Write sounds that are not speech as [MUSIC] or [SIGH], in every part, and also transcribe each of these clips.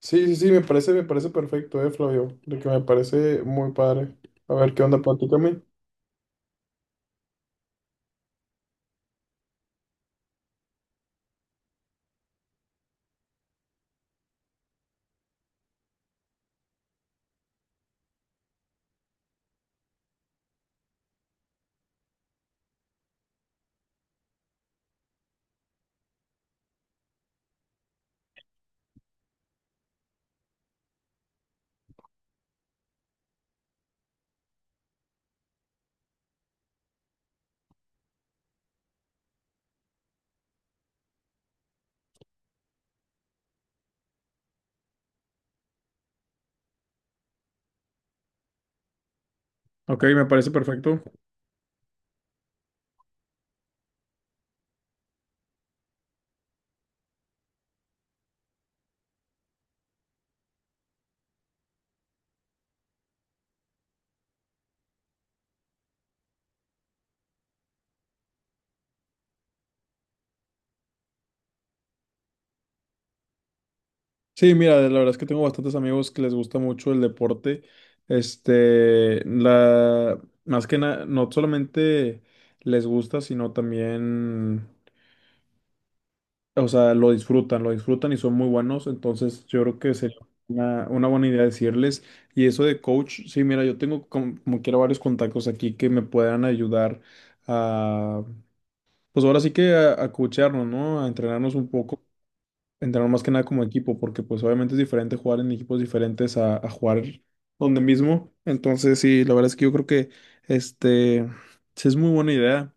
Sí, sí, sí, me parece perfecto, Flavio, de que me parece muy padre. A ver, ¿qué onda? Platícame. Ok, me parece perfecto. Sí, mira, la verdad es que tengo bastantes amigos que les gusta mucho el deporte. Este, más que nada, no solamente les gusta, sino también, o sea, lo disfrutan y son muy buenos. Entonces, yo creo que sería una buena idea decirles. Y eso de coach, sí, mira, yo tengo como quiera varios contactos aquí que me puedan ayudar pues ahora sí que a coachearnos, ¿no? A entrenarnos un poco, entrenar más que nada como equipo, porque pues obviamente es diferente jugar en equipos diferentes a jugar donde mismo. Entonces, sí, la verdad es que yo creo que este sí es muy buena idea.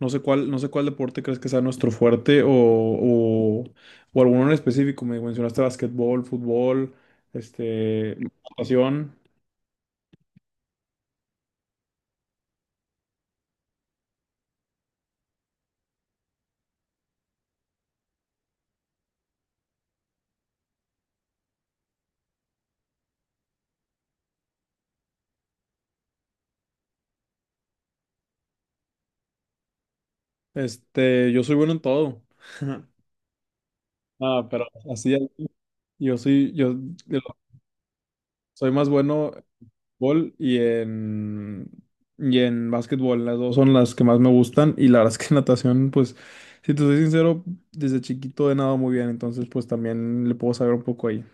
No sé cuál deporte crees que sea nuestro fuerte o, o alguno en específico. Me mencionaste basquetbol, fútbol, este, natación. Yo soy bueno en todo. [LAUGHS] Ah, pero así, yo soy más bueno. Fútbol y en básquetbol. Las dos son las que más me gustan y la verdad es que [LAUGHS] natación, pues, si te soy sincero, desde chiquito he nadado muy bien, entonces pues también le puedo saber un poco ahí.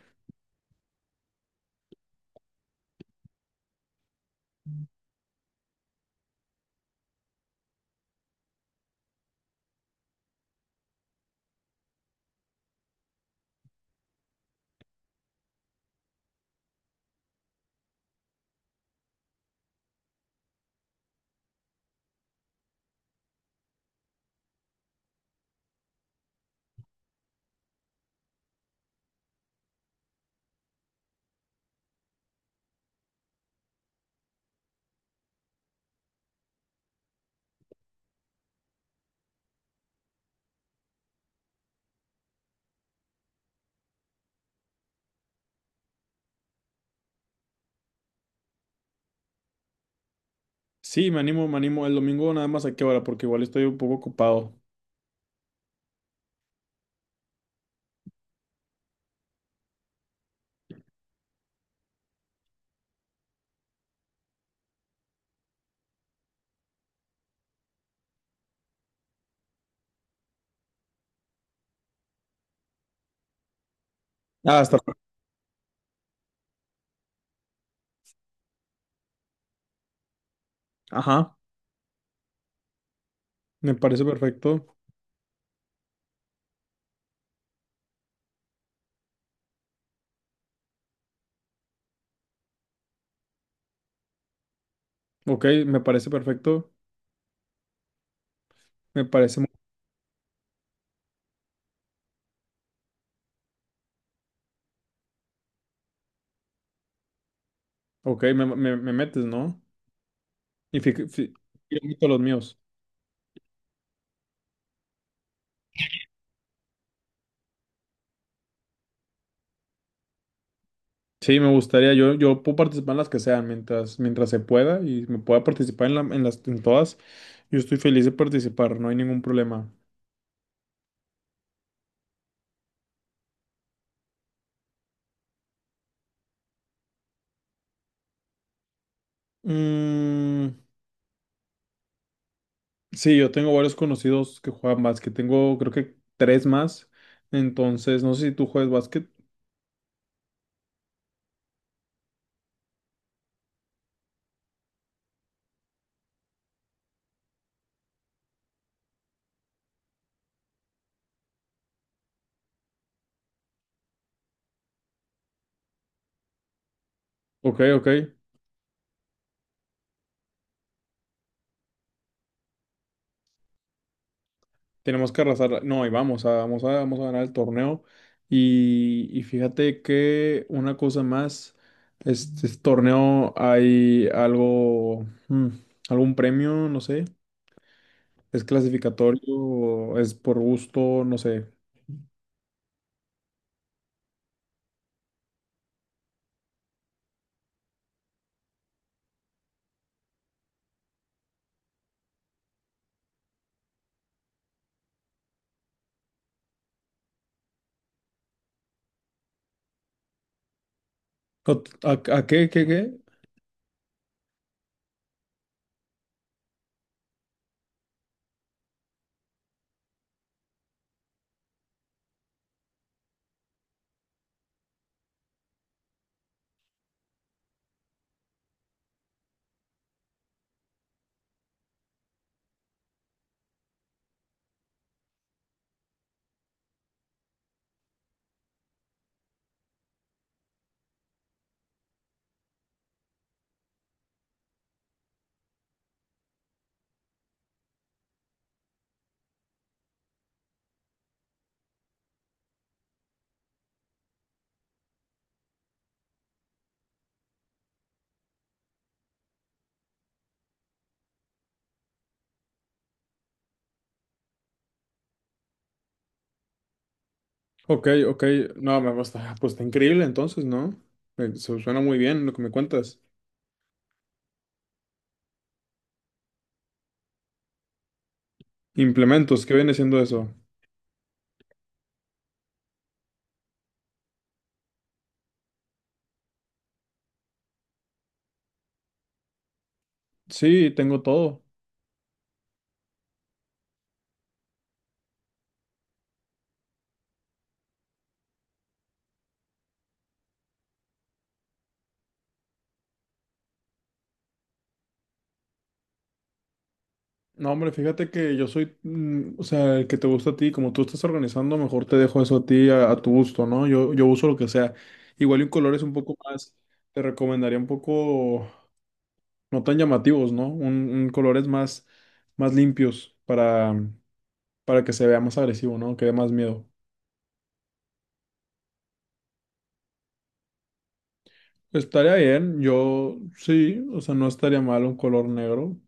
Sí, me animo, me animo. El domingo nada más a qué hora, porque igual estoy un poco ocupado. Ah, está. Ajá, me parece perfecto. Ok, me parece perfecto. Me parece. Ok, me metes, ¿no? Y yo meto los míos. Sí, me gustaría, yo puedo participar en las que sean mientras se pueda y me pueda participar en las, en todas. Yo estoy feliz de participar, no hay ningún problema. Mm, sí, yo tengo varios conocidos que juegan básquet, tengo creo que tres más, entonces no sé si tú juegas básquet. Ok, ok, tenemos que arrasar, no, y vamos a ganar el torneo. Y fíjate que una cosa más, este torneo hay algo, algún premio, no sé. ¿Es clasificatorio? ¿Es por gusto? No sé. ¿A, qué, qué? Ok, ok. No, me gusta. Pues está increíble entonces, ¿no? Se suena muy bien lo que me cuentas. Implementos, ¿qué viene siendo eso? Sí, tengo todo. No, hombre, fíjate que yo soy, o sea, el que te gusta a ti, como tú estás organizando, mejor te dejo eso a ti, a tu gusto, ¿no? Yo uso lo que sea. Igual y un color es un poco más, te recomendaría un poco, no tan llamativos, ¿no? Un colores más, limpios para que se vea más agresivo, ¿no? Que dé más miedo. Estaría bien, yo sí, o sea, no estaría mal un color negro.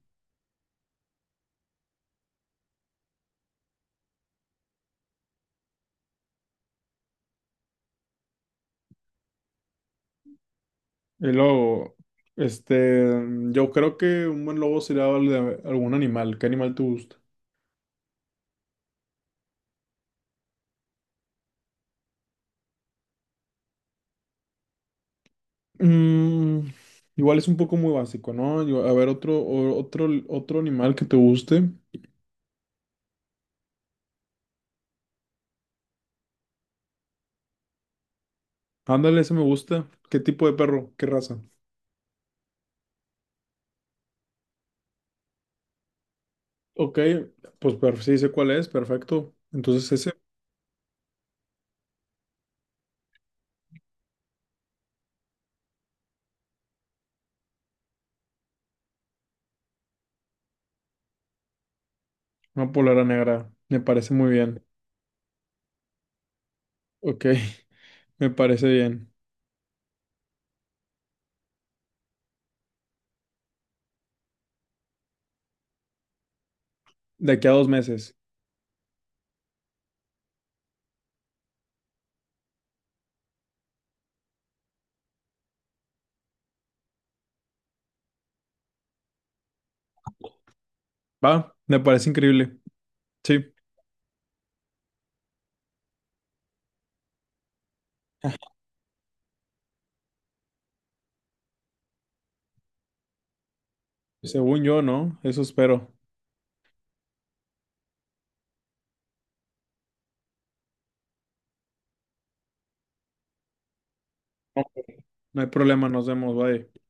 Y luego, este, yo creo que un buen logo sería el de algún animal. ¿Qué animal te gusta? Mm, igual es un poco muy básico, ¿no? A ver, otro animal que te guste. Ándale, ese me gusta. ¿Qué tipo de perro? ¿Qué raza? Ok, pues sí sé cuál es, perfecto. Entonces ese, una polera negra, me parece muy bien. Ok, [LAUGHS] me parece bien. De aquí a 2 meses. Va, me parece increíble. Sí, según yo, ¿no? Eso espero. No hay problema, nos vemos, bye.